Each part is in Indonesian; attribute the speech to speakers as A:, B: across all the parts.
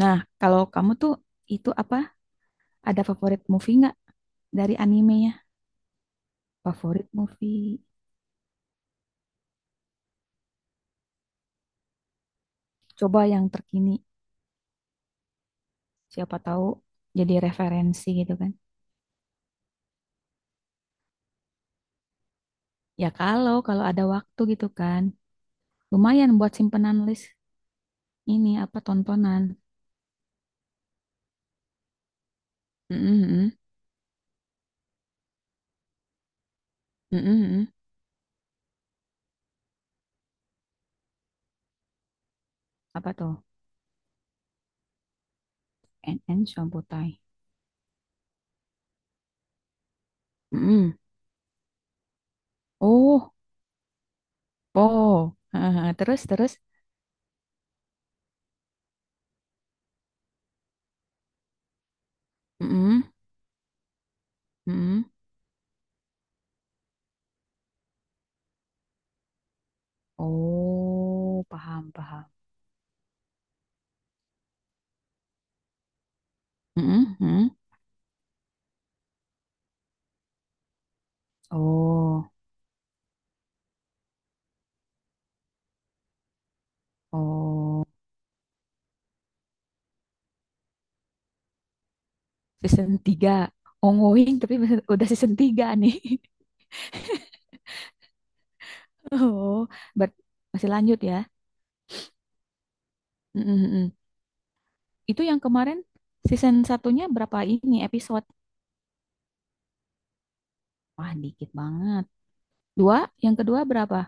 A: Nah, kalau kamu tuh itu apa? Ada favorit movie nggak dari animenya? Favorit movie? Coba yang terkini. Siapa tahu jadi referensi gitu kan. Ya kalau kalau ada waktu gitu kan. Lumayan buat simpenan list ini apa tontonan. Mm-mm, mm-mm, mm-mm. Apa tuh? NN Shamputai. Mm-mm. Oh, oh. Terus terus. Mm-mm, mm-mm. Oh, paham paham. Mm-mm, mm. Oh. Oh, season 3, ongoing tapi udah season 3 nih. Oh, Ber- masih lanjut ya. Mm, mm, mm. Itu yang kemarin season satunya berapa ini episode? Wah, dikit banget. Dua, yang kedua berapa?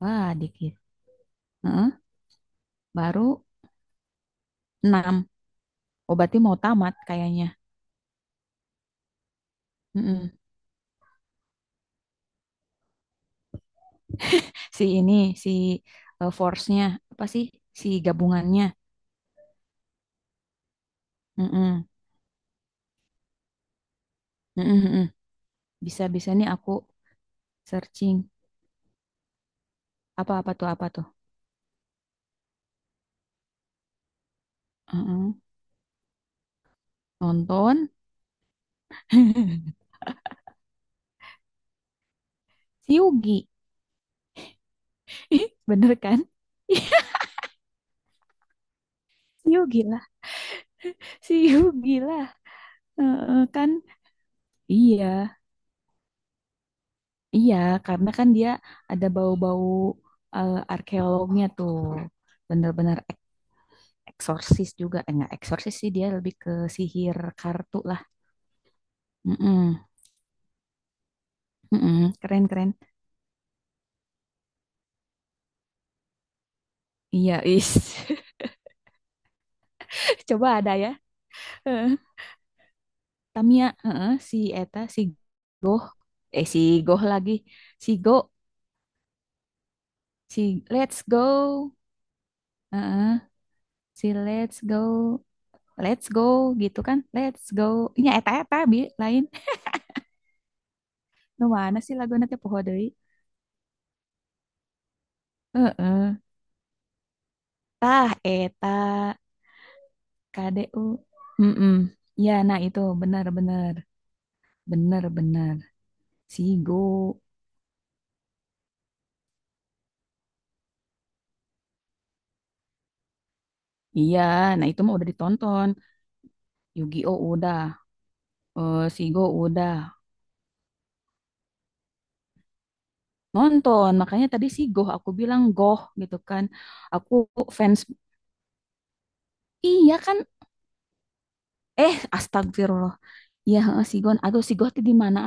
A: Wah, dikit. Heeh, baru enam. Oh, berarti mau tamat kayaknya. Mm-mm. Si ini, si force-nya, apa sih? Si gabungannya. Mm. Mm-mm, mm-mm. Bisa-bisa nih aku searching. Apa-apa tuh, apa tuh? Mm-mm. Nonton. Si Yugi. Bener kan? Si Yugi lah. Si Yugi lah. Heeh, kan? Iya. Iya, karena kan dia ada bau-bau arkeolognya tuh. Bener-bener eksorsis juga. Eh, enggak eksorsis sih, dia lebih ke sihir kartu lah. Mm-mm. Mm-mm. Keren-keren. Iya, is. Coba ada ya. Heeh. Tamiya, heeh, si Eta, si Goh. Eh, si Goh lagi. Si Go, si Let's Go. Heeh. Si let's go, let's go gitu kan, let's go nya eta eta bi lain nu mana sih lagu nanti poho deui heeh tah eta KDU mm ya nah itu benar benar benar benar Sigo. Iya, nah itu mah udah ditonton Yu-Gi-Oh udah Sigo udah nonton makanya tadi Sigo aku bilang goh gitu kan. Aku fans iya kan eh, astagfirullah. Iya, heeh, Sigon. Aduh, si Goh tuh di mana?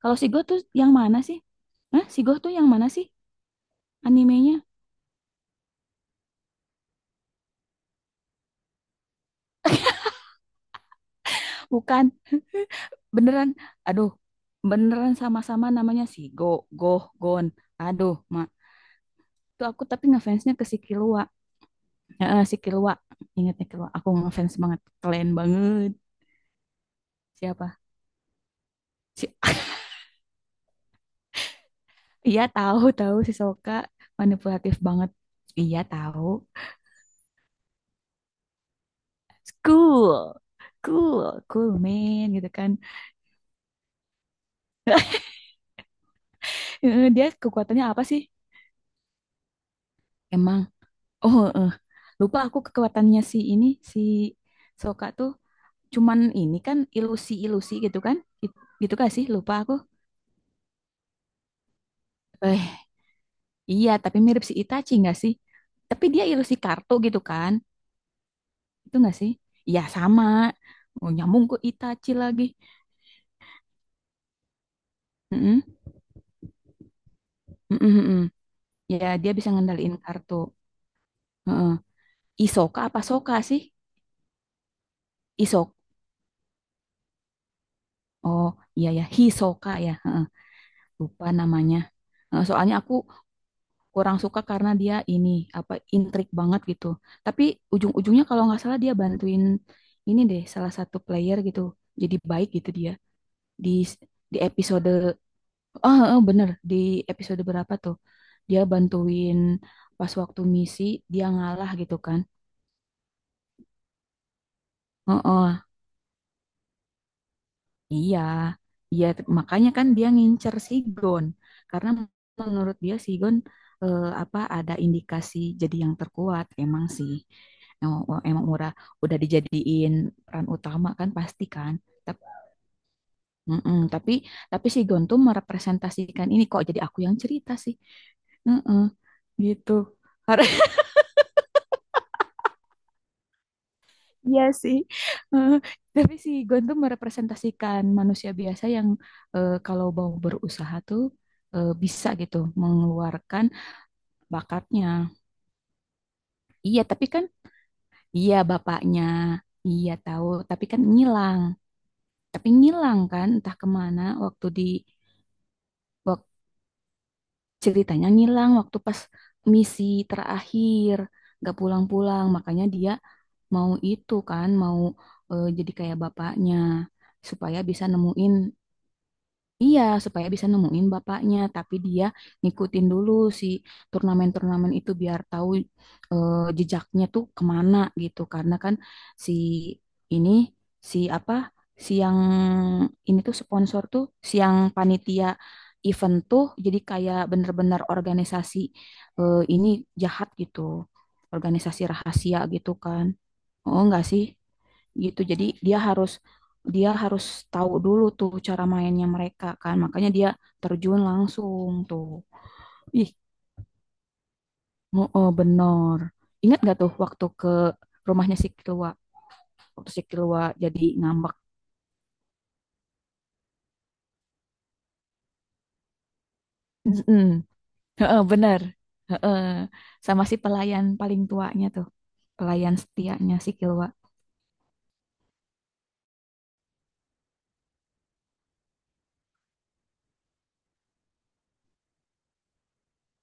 A: Kalau Sigo tuh yang mana sih? Hah? Sigo tuh yang mana sih animenya? Bukan, beneran. Aduh, beneran sama-sama namanya Sigo, Goh, Gon. Aduh, Mak. Tuh aku tapi ngefansnya ke si Kilua. Heeh, si Kilua. Ingatnya Kilua. Aku ngefans banget. Keren banget. Siapa? Si... Iya tahu, tahu si Soka. Manipulatif banget. Iya tahu. Cool. Cool, cool man gitu kan. Heeh, dia kekuatannya apa sih? Emang. Oh, eh. Lupa aku kekuatannya si ini, si Soka tuh cuman ini kan ilusi-ilusi gitu kan? It- gitu gak sih? Lupa aku. Eh, iya, tapi mirip si Itachi gak sih? Tapi dia ilusi kartu gitu kan? Itu gak sih? Iya, sama. Oh, nyambung ke Itachi lagi. Mm-mm, mm-mm, mm-mm. Ya, dia bisa ngendaliin kartu. Heeh. Isoka apa Soka sih? Isok. Oh, iya ya, Hisoka ya. Heeh, lupa namanya. Heeh, soalnya aku kurang suka karena dia ini apa intrik banget gitu. Tapi ujung-ujungnya kalau nggak salah dia bantuin ini deh salah satu player gitu. Jadi baik gitu dia di di episode bener di episode berapa tuh dia bantuin pas waktu misi dia ngalah gitu kan. Heeh, iya, iya makanya kan dia ngincer Sigon karena menurut dia Sigon apa ada indikasi jadi yang terkuat emang sih. Emang, emang murah udah dijadiin peran utama kan pasti kan. Tapi, mm-mm, tapi Sigon tuh merepresentasikan ini kok jadi aku yang cerita sih. Mm-mm, gitu. Iya sih, eh, tapi si Gon tuh merepresentasikan manusia biasa yang kalau mau berusaha tuh bisa gitu mengeluarkan bakatnya. Iya, tapi kan iya bapaknya, iya tahu, tapi kan ngilang, tapi ngilang kan entah kemana waktu di waktu ceritanya ngilang waktu pas misi terakhir nggak pulang-pulang, makanya dia mau itu kan mau jadi kayak bapaknya supaya bisa nemuin. Iya, supaya bisa nemuin bapaknya, tapi dia ngikutin dulu si turnamen-turnamen itu biar tahu jejaknya tuh kemana gitu. Karena kan si ini, si apa, si yang ini tuh sponsor tuh, si yang panitia event tuh, jadi kayak bener-bener organisasi ini jahat gitu, organisasi rahasia gitu kan. Oh enggak sih? Gitu. Jadi dia harus tahu dulu tuh cara mainnya mereka kan. Makanya dia terjun langsung tuh. Ih, oh, oh, bener. Ingat gak tuh waktu ke rumahnya si Kilwa? Waktu si Kilwa jadi ngambek. Mm-mm. Heeh, bener. Heeh. Sama si pelayan paling tuanya tuh. Pelayan setianya si Kilwa.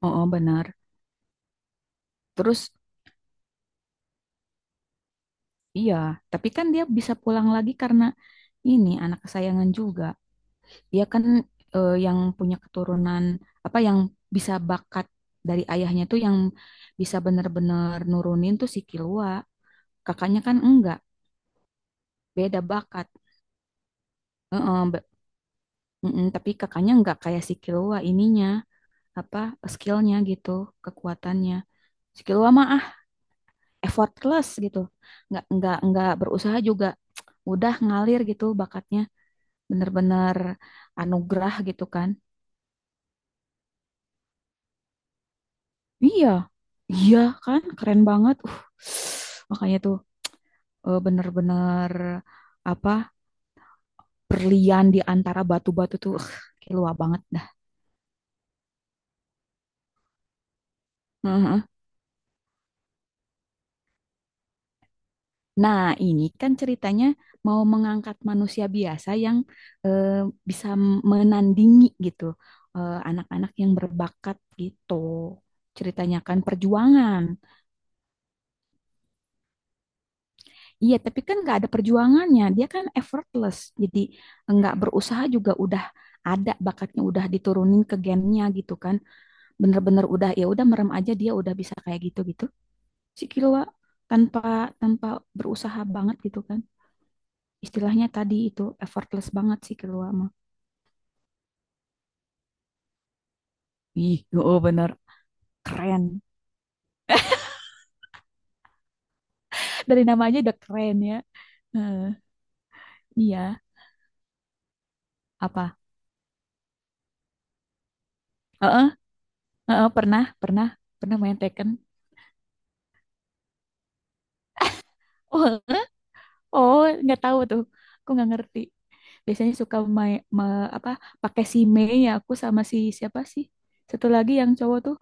A: Oh, oh, bener. Terus. Iya, tapi kan dia bisa pulang lagi karena ini anak kesayangan juga. Dia kan yang punya keturunan apa yang bisa bakat dari ayahnya tuh yang bisa bener-bener nurunin tuh si Killua. Kakaknya kan enggak, beda bakat. Heeh, mm-mm, tapi kakaknya enggak kayak si Killua ininya apa skillnya gitu, kekuatannya. Si Killua mah effortless gitu. Enggak berusaha juga. Udah ngalir gitu bakatnya. Bener-bener anugerah gitu kan. Iya, iya kan, keren banget. Makanya tuh bener-bener apa berlian di antara batu-batu tuh, kayak banget dah. Heeh. Nah, ini kan ceritanya mau mengangkat manusia biasa yang eh, bisa menandingi gitu anak-anak yang berbakat gitu. Ceritanya kan perjuangan. Iya, tapi kan nggak ada perjuangannya. Dia kan effortless. Jadi nggak berusaha juga udah ada bakatnya udah diturunin ke gennya gitu kan. Bener-bener udah ya udah merem aja dia udah bisa kayak gitu gitu. Si Killua tanpa tanpa berusaha banget gitu kan. Istilahnya tadi itu effortless banget si Killua mah. Ih, oh bener keren. Dari namanya udah keren ya. Eh, iya, apa? Heeh, heeh, pernah, pernah, pernah main Tekken. Oh, heeh. Oh, nggak tahu tuh. Aku nggak ngerti. Biasanya suka apa pakai si Mei ya aku sama si siapa sih satu lagi yang cowok tuh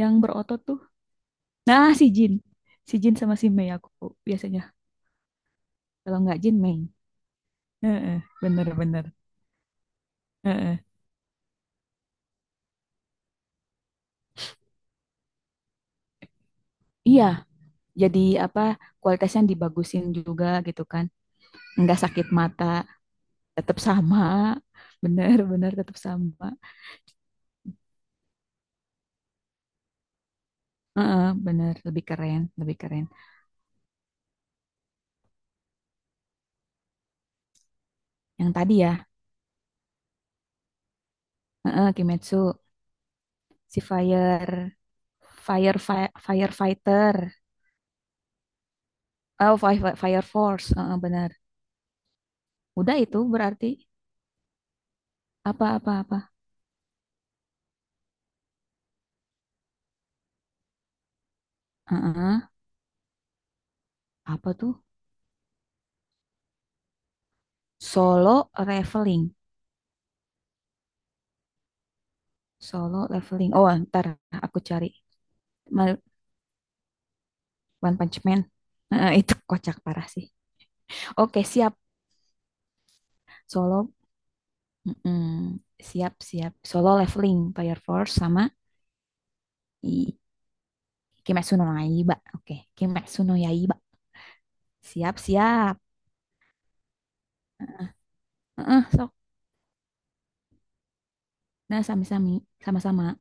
A: yang berotot tuh. Nah, si Jin sama si Mei aku biasanya kalau nggak Jin Mei. Heeh, bener-bener. Heeh. Iya jadi apa kualitasnya dibagusin juga gitu kan nggak sakit mata tetap sama bener-bener tetap sama. Heeh, bener lebih keren lebih keren. Yang tadi ya. Heeh, Kimetsu. Si Fire, Firefighter. Oh, Fire Force, heeh, benar. Udah itu berarti apa-apa-apa. Heeh, apa tuh? Solo leveling. Solo leveling. Oh, ntar aku cari. Ma- One Punch Man. Heeh, itu kocak parah sih. Oke, siap. Solo. Mm-mm. Siap, siap. Solo leveling, Fire Force sama I- Kimetsu no Yaiba. Oke, Kimetsu no Yaiba. Siap, siap. Heeh, sok. Nah, sami-sami. Sama-sama.